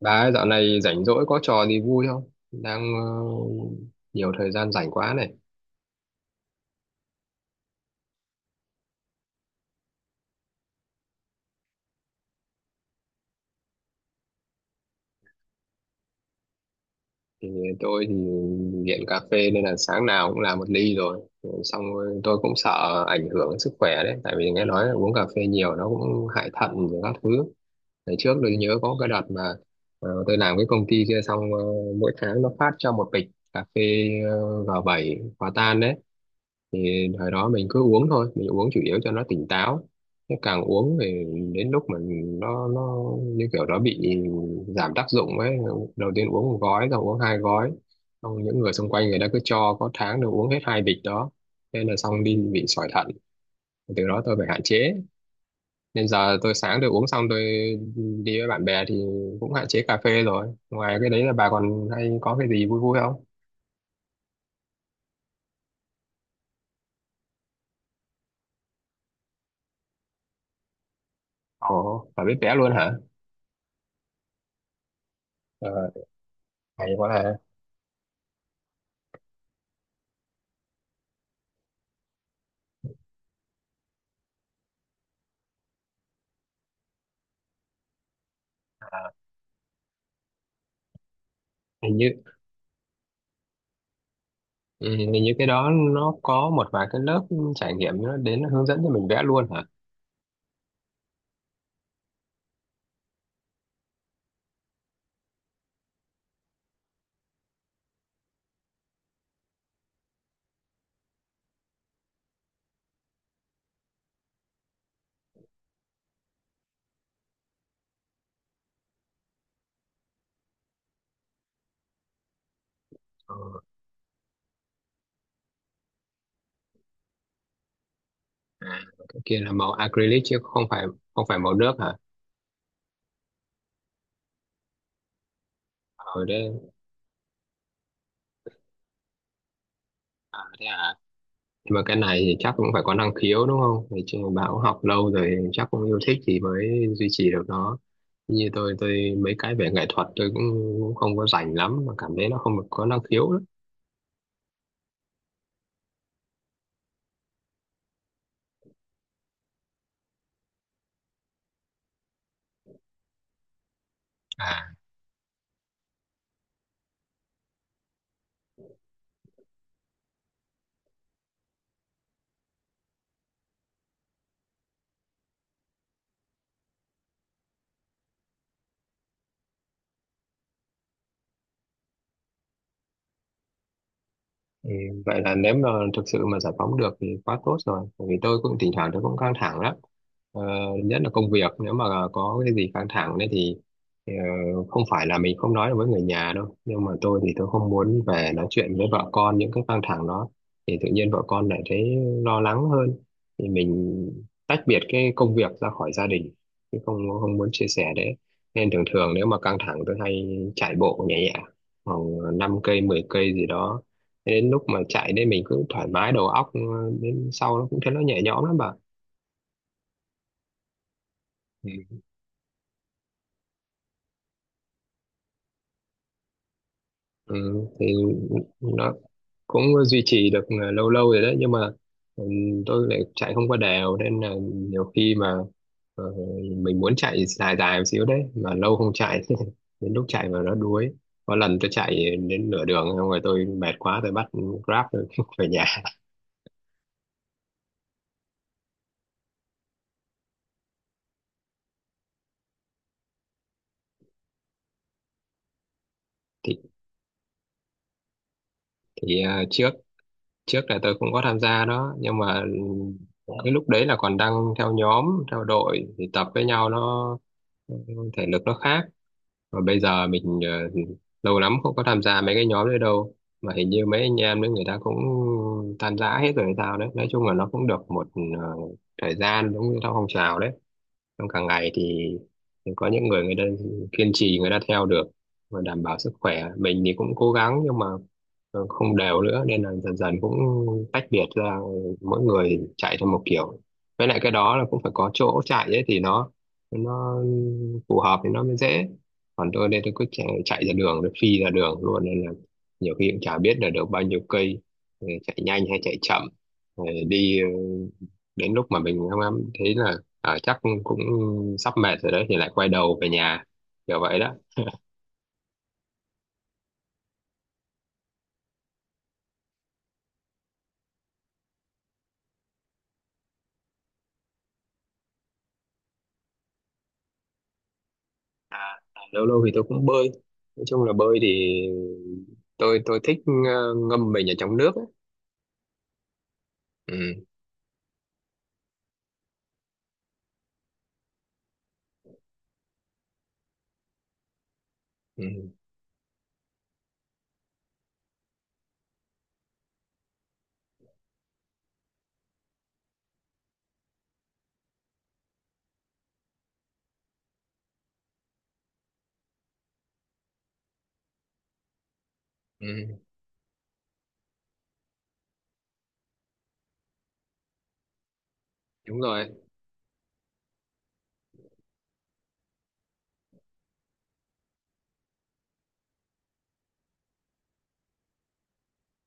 Bà ấy dạo này rảnh rỗi có trò gì vui không? Đang nhiều thời gian rảnh quá này. Thì tôi thì nghiện cà phê nên là sáng nào cũng làm một ly rồi. Xong rồi tôi cũng sợ ảnh hưởng đến sức khỏe đấy. Tại vì nghe nói là uống cà phê nhiều nó cũng hại thận và các thứ. Ngày trước tôi nhớ có cái đợt mà tôi làm cái công ty kia xong mỗi tháng nó phát cho một bịch cà phê G7 hòa tan đấy. Thì thời đó mình cứ uống thôi, mình uống chủ yếu cho nó tỉnh táo. Thế càng uống thì đến lúc mình nó như kiểu nó bị giảm tác dụng ấy, đầu tiên uống một gói rồi uống hai gói, xong những người xung quanh người ta cứ cho, có tháng được uống hết hai bịch đó nên là xong đi bị sỏi thận. Từ đó tôi phải hạn chế, nên giờ tôi sáng tôi uống xong, tôi đi với bạn bè thì cũng hạn chế cà phê rồi. Ngoài cái đấy là bà còn hay có cái gì vui vui không? Ồ, bà biết vẽ luôn hả? ờ, Hay quá ha. Hình như, ừ, thì như cái đó nó có một vài cái lớp trải nghiệm nó đến nó hướng dẫn cho mình vẽ luôn hả? Ờ, cái kia là màu acrylic chứ không phải, không phải màu nước hả? Ở đây, à, thế à? Nhưng mà cái này thì chắc cũng phải có năng khiếu đúng không? Thì chứ bạn cũng học lâu rồi, chắc cũng yêu thích thì mới duy trì được nó. Như tôi mấy cái về nghệ thuật tôi cũng, cũng không có rành lắm mà cảm thấy nó không được có năng khiếu lắm. À, ừ, vậy là nếu mà thực sự mà giải phóng được thì quá tốt rồi, bởi vì tôi cũng thỉnh thoảng tôi cũng căng thẳng lắm. ờ, Nhất là công việc, nếu mà có cái gì căng thẳng đấy thì ờ, không phải là mình không nói được với người nhà đâu, nhưng mà tôi thì tôi không muốn về nói chuyện với vợ con những cái căng thẳng đó, thì tự nhiên vợ con lại thấy lo lắng hơn, thì mình tách biệt cái công việc ra khỏi gia đình, chứ không, không muốn chia sẻ đấy. Nên thường thường nếu mà căng thẳng tôi hay chạy bộ nhẹ nhẹ khoảng 5 cây 10 cây gì đó. Thế đến lúc mà chạy đây mình cứ thoải mái đầu óc, đến sau nó cũng thấy nó nhẹ nhõm lắm bà. Ừ. Ừ, thì nó cũng duy trì được lâu lâu rồi đấy, nhưng mà, ừ, tôi lại chạy không có đều nên là nhiều khi mà ờ, mình muốn chạy dài dài một xíu đấy mà lâu không chạy đến lúc chạy mà nó đuối. Có lần tôi chạy đến nửa đường xong rồi tôi mệt quá, tôi bắt Grab tôi về nhà. thì, thì trước, trước là tôi cũng có tham gia đó nhưng mà, dạ, cái lúc đấy là còn đang theo nhóm, theo đội thì tập với nhau nó thể lực nó khác. Và bây giờ mình lâu lắm không có tham gia mấy cái nhóm đấy đâu, mà hình như mấy anh em đấy người ta cũng tan rã hết rồi hay sao đấy. Nói chung là nó cũng được một ờ, thời gian, giống như theo phong trào đấy trong cả ngày thì có những người người ta kiên trì người ta theo được và đảm bảo sức khỏe. Mình thì cũng cố gắng nhưng mà không đều nữa, nên là dần dần cũng tách biệt ra, mỗi người chạy theo một kiểu. Với lại cái đó là cũng phải có chỗ chạy ấy thì nó phù hợp thì nó mới dễ. Còn tôi đây tôi cứ chạy, chạy ra đường, tôi phi ra đường luôn, nên là nhiều khi cũng chả biết là được bao nhiêu cây, chạy nhanh hay chạy chậm. Rồi đi đến lúc mà mình không em thấy là, ờ, chắc cũng sắp mệt rồi đấy thì lại quay đầu về nhà, kiểu vậy đó. Lâu lâu thì tôi cũng bơi. Nói chung là bơi thì tôi thích ngâm mình ở trong nước ấy. Ừ. Ừ. Ừ, đúng rồi.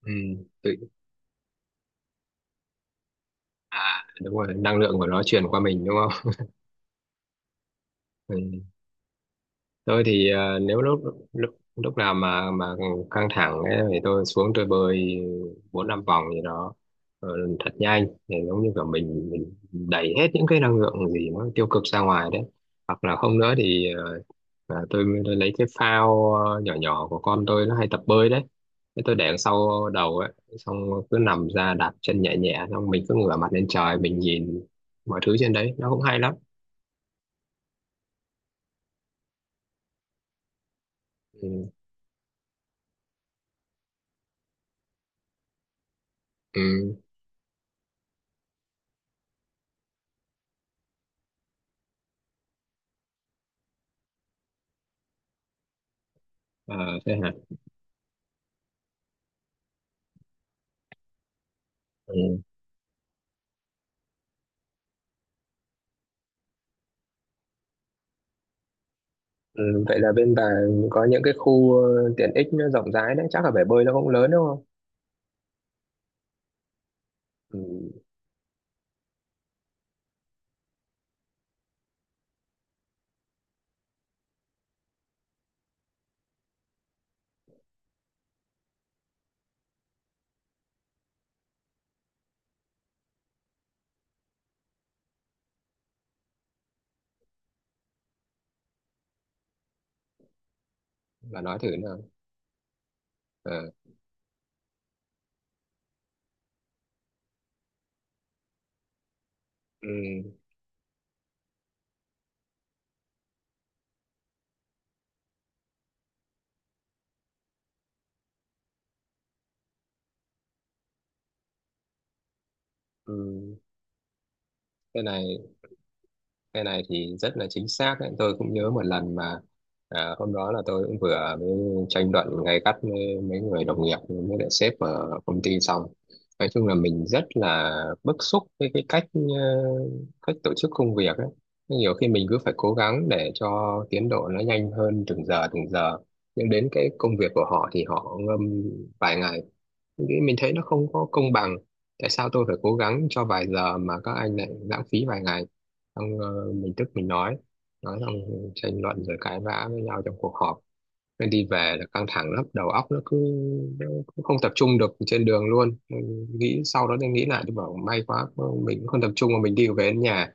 Ừ. Tự, à đúng rồi, năng lượng của nó truyền qua mình đúng không. Ừ. Tôi thì nếu lúc, lúc nào mà căng thẳng ấy, thì tôi xuống tôi bơi bốn năm vòng gì đó, ờ, thật nhanh để giống như cả mình đẩy hết những cái năng lượng gì nó tiêu cực ra ngoài đấy. Hoặc là không nữa thì tôi lấy cái phao nhỏ nhỏ của con tôi nó hay tập bơi đấy. Thế tôi để đằng sau đầu ấy xong cứ nằm ra đạp chân nhẹ nhẹ, xong mình cứ ngửa mặt lên trời mình nhìn mọi thứ trên đấy nó cũng hay lắm. Ừ. Ừ. Ờ, thế hả? Ừ. Ừ, vậy là bên bà có những cái khu tiện ích nó rộng rãi đấy, chắc là bể bơi nó cũng lớn đúng không? Ừ, bà nói thử nào. Ờ. Ừ. Ừ, thế này, cái này thì rất là chính xác đấy. Tôi cũng nhớ một lần mà, à, hôm đó là tôi cũng vừa mới tranh luận gay gắt với mấy người đồng nghiệp với lại sếp ở công ty xong. Nói chung là mình rất là bức xúc với cái cách cách tổ chức công việc ấy, nhiều khi mình cứ phải cố gắng để cho tiến độ nó nhanh hơn từng giờ từng giờ, nhưng đến cái công việc của họ thì họ ngâm vài ngày. Nghĩ mình thấy nó không có công bằng, tại sao tôi phải cố gắng cho vài giờ mà các anh lại lãng phí vài ngày. Xong mình tức mình nói xong tranh luận rồi cãi vã với nhau trong cuộc họp, nên đi về là căng thẳng lắm, đầu óc nó cứ, nó cứ không tập trung được trên đường luôn. Mình nghĩ sau đó tôi nghĩ lại tôi bảo may quá, mình cũng không tập trung mà mình đi về đến nhà.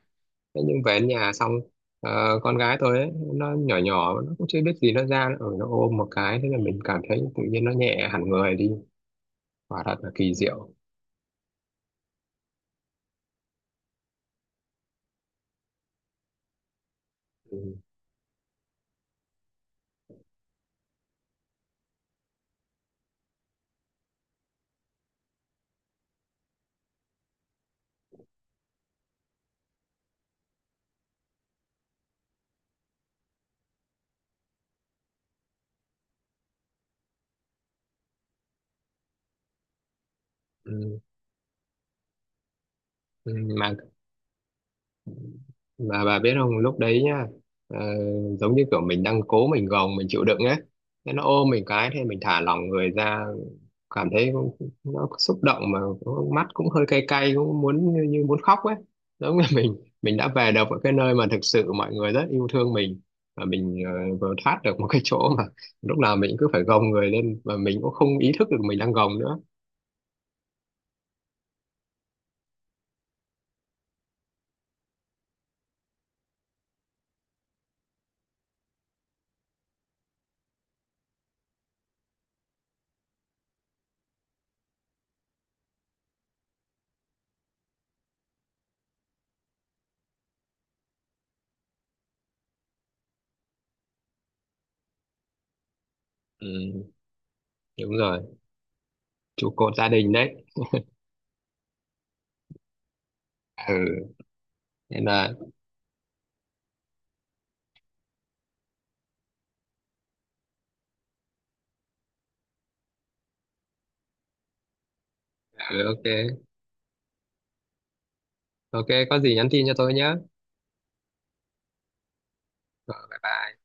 Thế nhưng về đến nhà xong, con gái tôi ấy, nó nhỏ nhỏ nó cũng chưa biết gì, nó ra ở nó ôm một cái, thế là mình cảm thấy tự nhiên nó nhẹ hẳn người đi, quả thật là kỳ diệu. Ừ. Ừ. Ừ. mà mà bà biết không lúc đấy nhá, ờ, giống như kiểu mình đang cố, mình gồng mình chịu đựng ấy, thế nó ôm mình cái thì mình thả lỏng người ra, cảm thấy cũng- nó xúc động mà, cũng- mắt cũng hơi cay cay, cũng muốn như, như muốn khóc ấy, giống như mình đã về được ở cái nơi mà thực sự mọi người rất yêu thương mình. Và mình vừa thoát được một cái chỗ mà lúc nào mình cứ phải gồng người lên và mình cũng không ý thức được mình đang gồng nữa. Ừ, đúng rồi, trụ cột gia đình đấy. Ừ, nên là, ừ, ok, ok có gì nhắn tin cho tôi nhé. Rồi, bye bye.